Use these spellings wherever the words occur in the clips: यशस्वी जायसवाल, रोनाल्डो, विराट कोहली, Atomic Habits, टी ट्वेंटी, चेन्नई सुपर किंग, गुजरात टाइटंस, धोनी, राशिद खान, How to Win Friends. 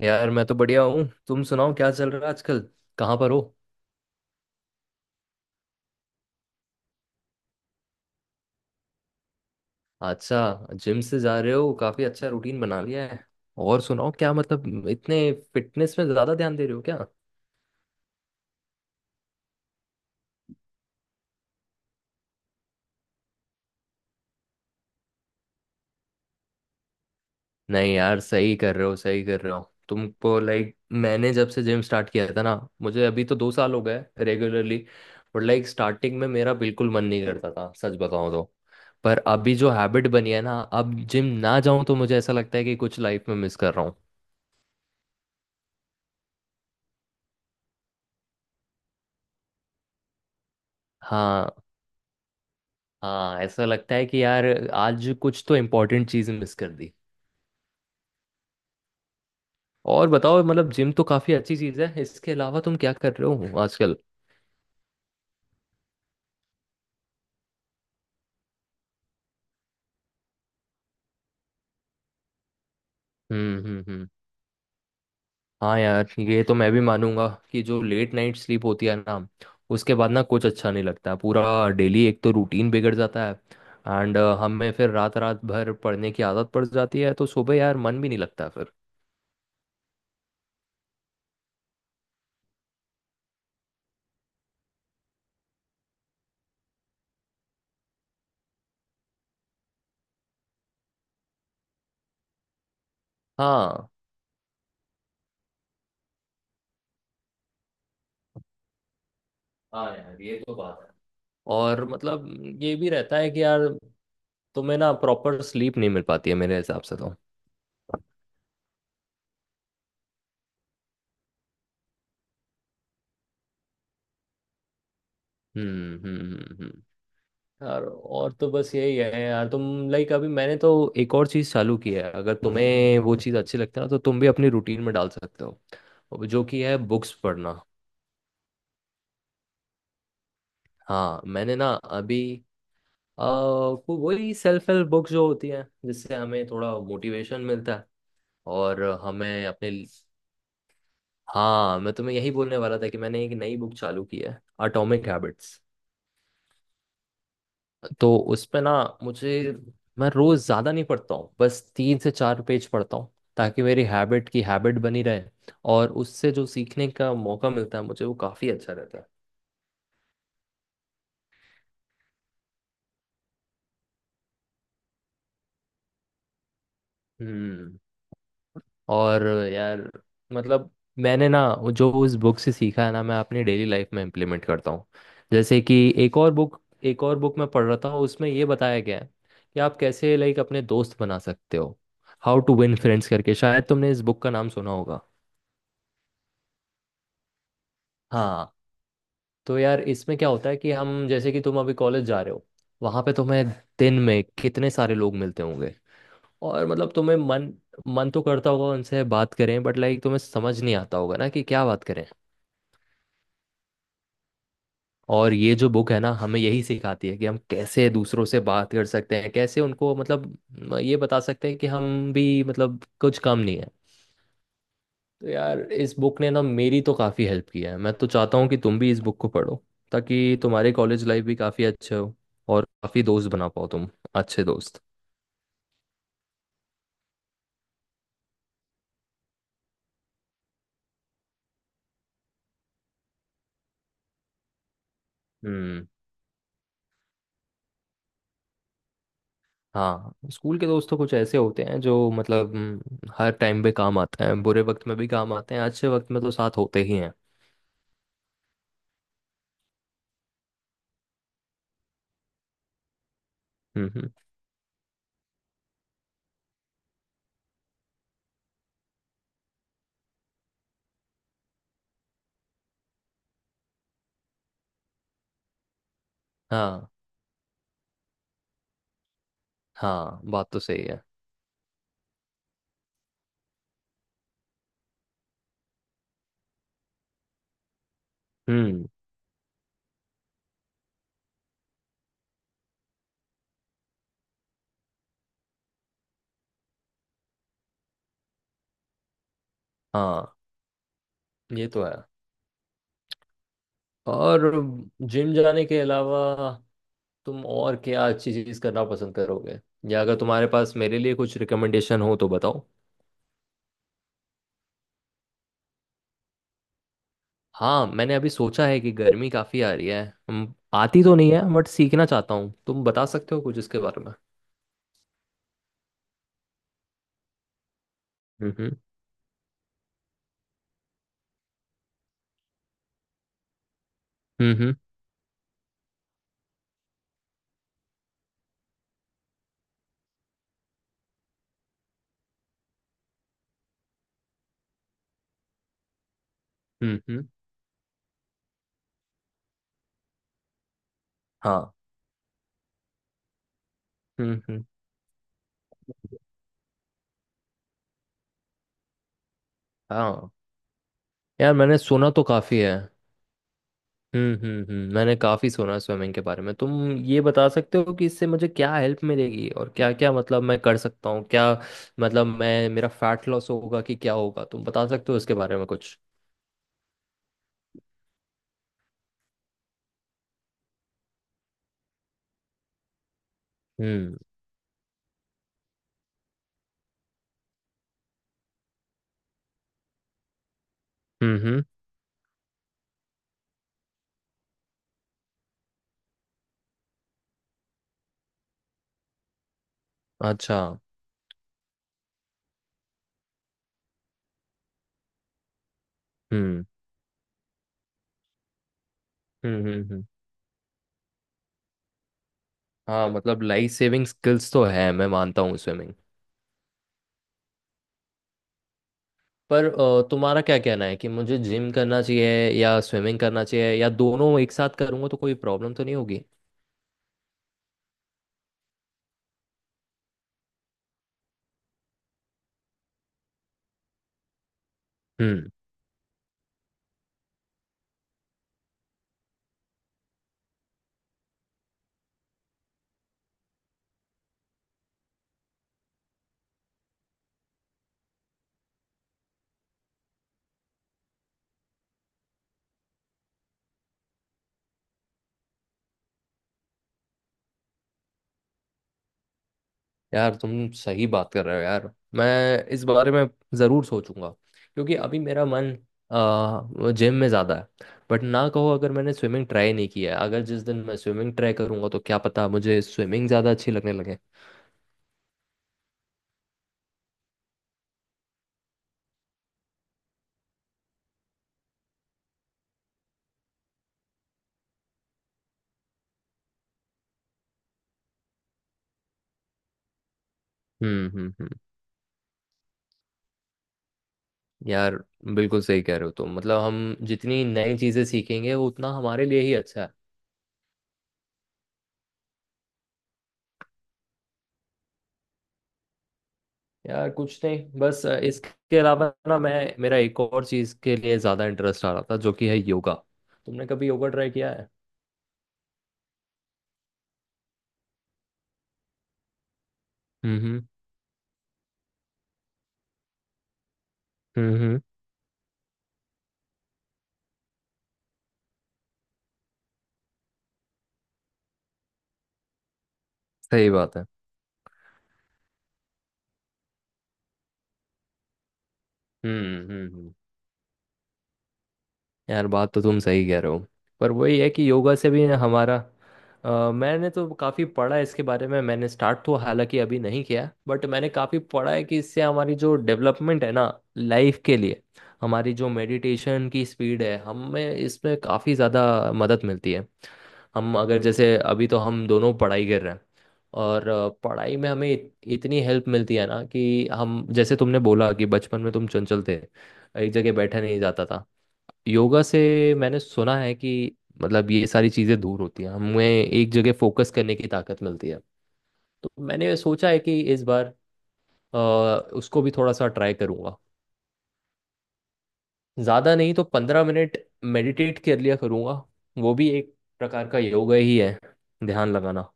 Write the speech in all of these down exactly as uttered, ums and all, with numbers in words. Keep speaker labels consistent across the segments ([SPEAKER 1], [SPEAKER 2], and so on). [SPEAKER 1] यार मैं तो बढ़िया हूँ। तुम सुनाओ, क्या चल रहा है आजकल? कहाँ पर हो? अच्छा, जिम से जा रहे हो, काफी अच्छा रूटीन बना लिया है। और सुनाओ, क्या मतलब इतने फिटनेस में ज्यादा ध्यान दे रहे हो क्या? नहीं यार, सही कर रहे हो, सही कर रहे हो। तुमको लाइक मैंने जब से जिम स्टार्ट किया था ना, मुझे अभी तो दो साल हो गए रेगुलरली। बट लाइक स्टार्टिंग में मेरा बिल्कुल मन नहीं करता था, सच बताऊं तो। पर अभी जो हैबिट बनी है ना, अब जिम ना जाऊं तो मुझे ऐसा लगता है कि कुछ लाइफ में मिस कर रहा हूँ। हाँ। हाँ, ऐसा लगता है कि यार आज कुछ तो इम्पोर्टेंट चीज़ मिस कर दी। और बताओ, मतलब जिम तो काफ़ी अच्छी चीज़ है, इसके अलावा तुम क्या कर रहे हो आजकल? हम्म हम्म हम्म हाँ यार, ये तो मैं भी मानूंगा कि जो लेट नाइट स्लीप होती है ना, उसके बाद ना कुछ अच्छा नहीं लगता, पूरा डेली एक तो रूटीन बिगड़ जाता है। एंड हमें फिर रात रात भर पढ़ने की आदत पड़ जाती है तो सुबह यार मन भी नहीं लगता फिर। हाँ। हाँ यार, ये तो बात है। और मतलब ये भी रहता है कि यार तुम्हें ना प्रॉपर स्लीप नहीं मिल पाती है मेरे हिसाब से तो। हम्म हम्म हम्म, हम्म। यार और तो बस यही है यार। तुम लाइक अभी मैंने तो एक और चीज़ चालू की है, अगर तुम्हें वो चीज़ अच्छी लगती है ना तो तुम भी अपनी रूटीन में डाल सकते हो, जो कि है बुक्स पढ़ना। हाँ, मैंने ना अभी अ, वो- वही सेल्फ हेल्प बुक्स जो होती हैं, जिससे हमें थोड़ा मोटिवेशन मिलता है। और हमें अपने— हाँ, मैं तुम्हें यही बोलने वाला था कि मैंने एक नई बुक चालू की है, एटॉमिक हैबिट्स। तो उसमें ना, मुझे— मैं रोज ज्यादा नहीं पढ़ता हूँ, बस तीन से चार पेज पढ़ता हूँ, ताकि मेरी हैबिट की हैबिट बनी रहे। और उससे जो सीखने का मौका मिलता है मुझे, वो काफी अच्छा रहता है। हम्म। और यार, मतलब मैंने ना वो जो उस बुक से सीखा है ना, मैं अपनी डेली लाइफ में इम्प्लीमेंट करता हूँ। जैसे कि एक और बुक— एक और बुक मैं पढ़ रहा था, उसमें ये बताया गया है कि आप कैसे लाइक अपने दोस्त बना सकते हो। हाउ टू विन फ्रेंड्स करके, शायद तुमने इस बुक का नाम सुना होगा। हाँ। तो यार इसमें क्या होता है कि हम जैसे कि तुम अभी कॉलेज जा रहे हो, वहां पे तुम्हें दिन में कितने सारे लोग मिलते होंगे। और मतलब तुम्हें मन— मन तो करता होगा उनसे बात करें, बट लाइक तुम्हें समझ नहीं आता होगा ना कि क्या बात करें। और ये जो बुक है ना, हमें यही सिखाती है कि हम कैसे दूसरों से बात कर सकते हैं, कैसे उनको मतलब ये बता सकते हैं कि हम भी मतलब कुछ कम नहीं है। तो यार, इस बुक ने ना मेरी तो काफ़ी हेल्प किया है। मैं तो चाहता हूँ कि तुम भी इस बुक को पढ़ो, ताकि तुम्हारी कॉलेज लाइफ भी काफ़ी अच्छे हो और काफ़ी दोस्त बना पाओ तुम, अच्छे दोस्त। हम्म। हाँ, स्कूल के दोस्त तो कुछ ऐसे होते हैं जो मतलब हम्म, हर टाइम पे काम आते हैं, बुरे वक्त में भी काम आते हैं, अच्छे वक्त में तो साथ होते ही हैं। हम्म हम्म, हाँ। हाँ, बात तो सही है। हम्म। हाँ, ये तो है। और जिम जाने के अलावा तुम और क्या अच्छी चीज करना पसंद करोगे? या अगर तुम्हारे पास मेरे लिए कुछ रिकमेंडेशन हो तो बताओ। हाँ, मैंने अभी सोचा है कि गर्मी काफी आ रही है। हम- आती तो नहीं है, बट सीखना चाहता हूँ, तुम बता सकते हो कुछ इसके बारे में? हम्म हम्म हम्म हम्म हम्म, हम्म, हाँ। हम्म हम्म हाँ। यार मैंने सुना तो काफी है। हम्म हम्म हम्म मैंने काफ़ी सुना स्विमिंग के बारे में, तुम ये बता सकते हो कि इससे मुझे क्या हेल्प मिलेगी और क्या क्या मतलब मैं कर सकता हूँ क्या? मतलब मैं मेरा फैट लॉस होगा कि क्या होगा, तुम बता सकते हो इसके बारे में कुछ? हम्म हम्म हम्म, अच्छा। हम्म हम्म हम्म हम्म। हाँ, मतलब लाइफ सेविंग स्किल्स तो है, मैं मानता हूँ, स्विमिंग। पर अ, तुम्हारा क्या कहना है कि मुझे जिम करना चाहिए या स्विमिंग करना चाहिए, या दोनों एक साथ करूँगा तो कोई प्रॉब्लम तो नहीं होगी? यार, तुम सही बात कर रहे हो यार। मैं इस बारे में ज़रूर सोचूंगा, क्योंकि अभी मेरा मन जिम में ज़्यादा है। बट ना कहो, अगर मैंने स्विमिंग ट्राई नहीं किया है, अगर जिस दिन मैं स्विमिंग ट्राई करूंगा तो क्या पता मुझे स्विमिंग ज़्यादा अच्छी लगने लगे। हम्म हम्म हम्म यार बिल्कुल सही कह रहे हो तुम, मतलब हम जितनी नई चीज़ें सीखेंगे वो उतना हमारे लिए ही अच्छा है। यार कुछ नहीं, बस अ, इसके अलावा ना, मैं मेरा एक और चीज़ के लिए ज़्यादा इंटरेस्ट आ रहा था, जो कि है योगा। तुमने कभी योगा ट्राई किया है? हम्म हम्म हम्म सही बात है। हम्म हम्म हम्म, यार बात तो तुम सही कह रहे हो। पर वही है कि योगा से भी हमारा— अ, मैंने तो काफ़ी पढ़ा है इसके बारे में। मैंने स्टार्ट तो हालांकि अभी नहीं किया, बट मैंने काफ़ी पढ़ा है कि इससे हमारी जो डेवलपमेंट है ना लाइफ के लिए, हमारी जो मेडिटेशन की स्पीड है, हमें इसमें काफ़ी ज़्यादा मदद मिलती है। हम अगर जैसे अभी तो हम दोनों पढ़ाई कर रहे हैं, और अ, पढ़ाई में हमें इत- इतनी हेल्प मिलती है ना कि हम जैसे तुमने बोला कि बचपन में तुम चंचल थे, एक जगह बैठा नहीं जाता था। योगा से मैंने सुना है कि मतलब ये सारी चीज़ें दूर होती हैं, हमें एक जगह फोकस करने की ताकत मिलती है। तो मैंने सोचा है कि इस बार अ, उसको भी थोड़ा सा ट्राई करूँगा। ज़्यादा नहीं तो पंद्रह मिनट मेडिटेट कर लिया करूँगा, वो भी एक प्रकार का योगा ही है, ध्यान लगाना।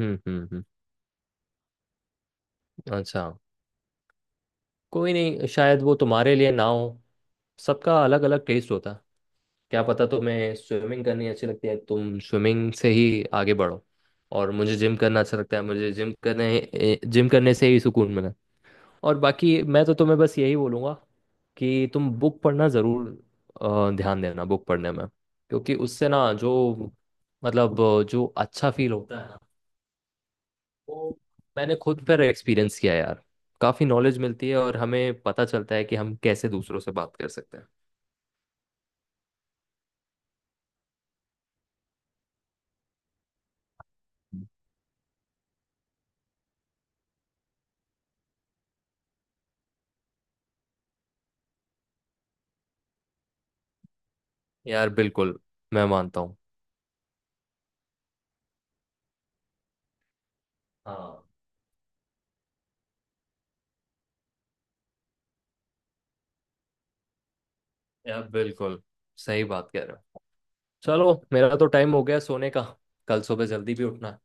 [SPEAKER 1] हम्म हम्म हम्म अच्छा, कोई नहीं, शायद वो तुम्हारे लिए ना हो। सबका अलग अलग टेस्ट होता है। क्या पता तुम्हें स्विमिंग करनी अच्छी लगती है, तुम स्विमिंग से ही आगे बढ़ो। और मुझे जिम करना अच्छा लगता है, मुझे जिम करने जिम करने से ही सुकून मिला। और बाकी मैं तो तुम्हें बस यही बोलूँगा कि तुम बुक पढ़ना ज़रूर। अ, ध्यान देना बुक पढ़ने में, क्योंकि उससे ना जो मतलब अ, जो अच्छा फील होता है ना, वो मैंने खुद पर एक्सपीरियंस किया है यार। काफ़ी नॉलेज मिलती है, और हमें पता चलता है कि हम कैसे दूसरों से बात कर सकते हैं। यार बिल्कुल, मैं मानता हूँ। हाँ यार, बिल्कुल सही बात कह रहे हो। चलो, मेरा तो टाइम हो गया सोने का, कल सुबह जल्दी भी उठना है।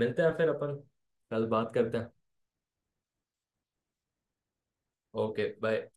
[SPEAKER 1] मिलते हैं फिर अपन, कल बात करते हैं। Okay, bye.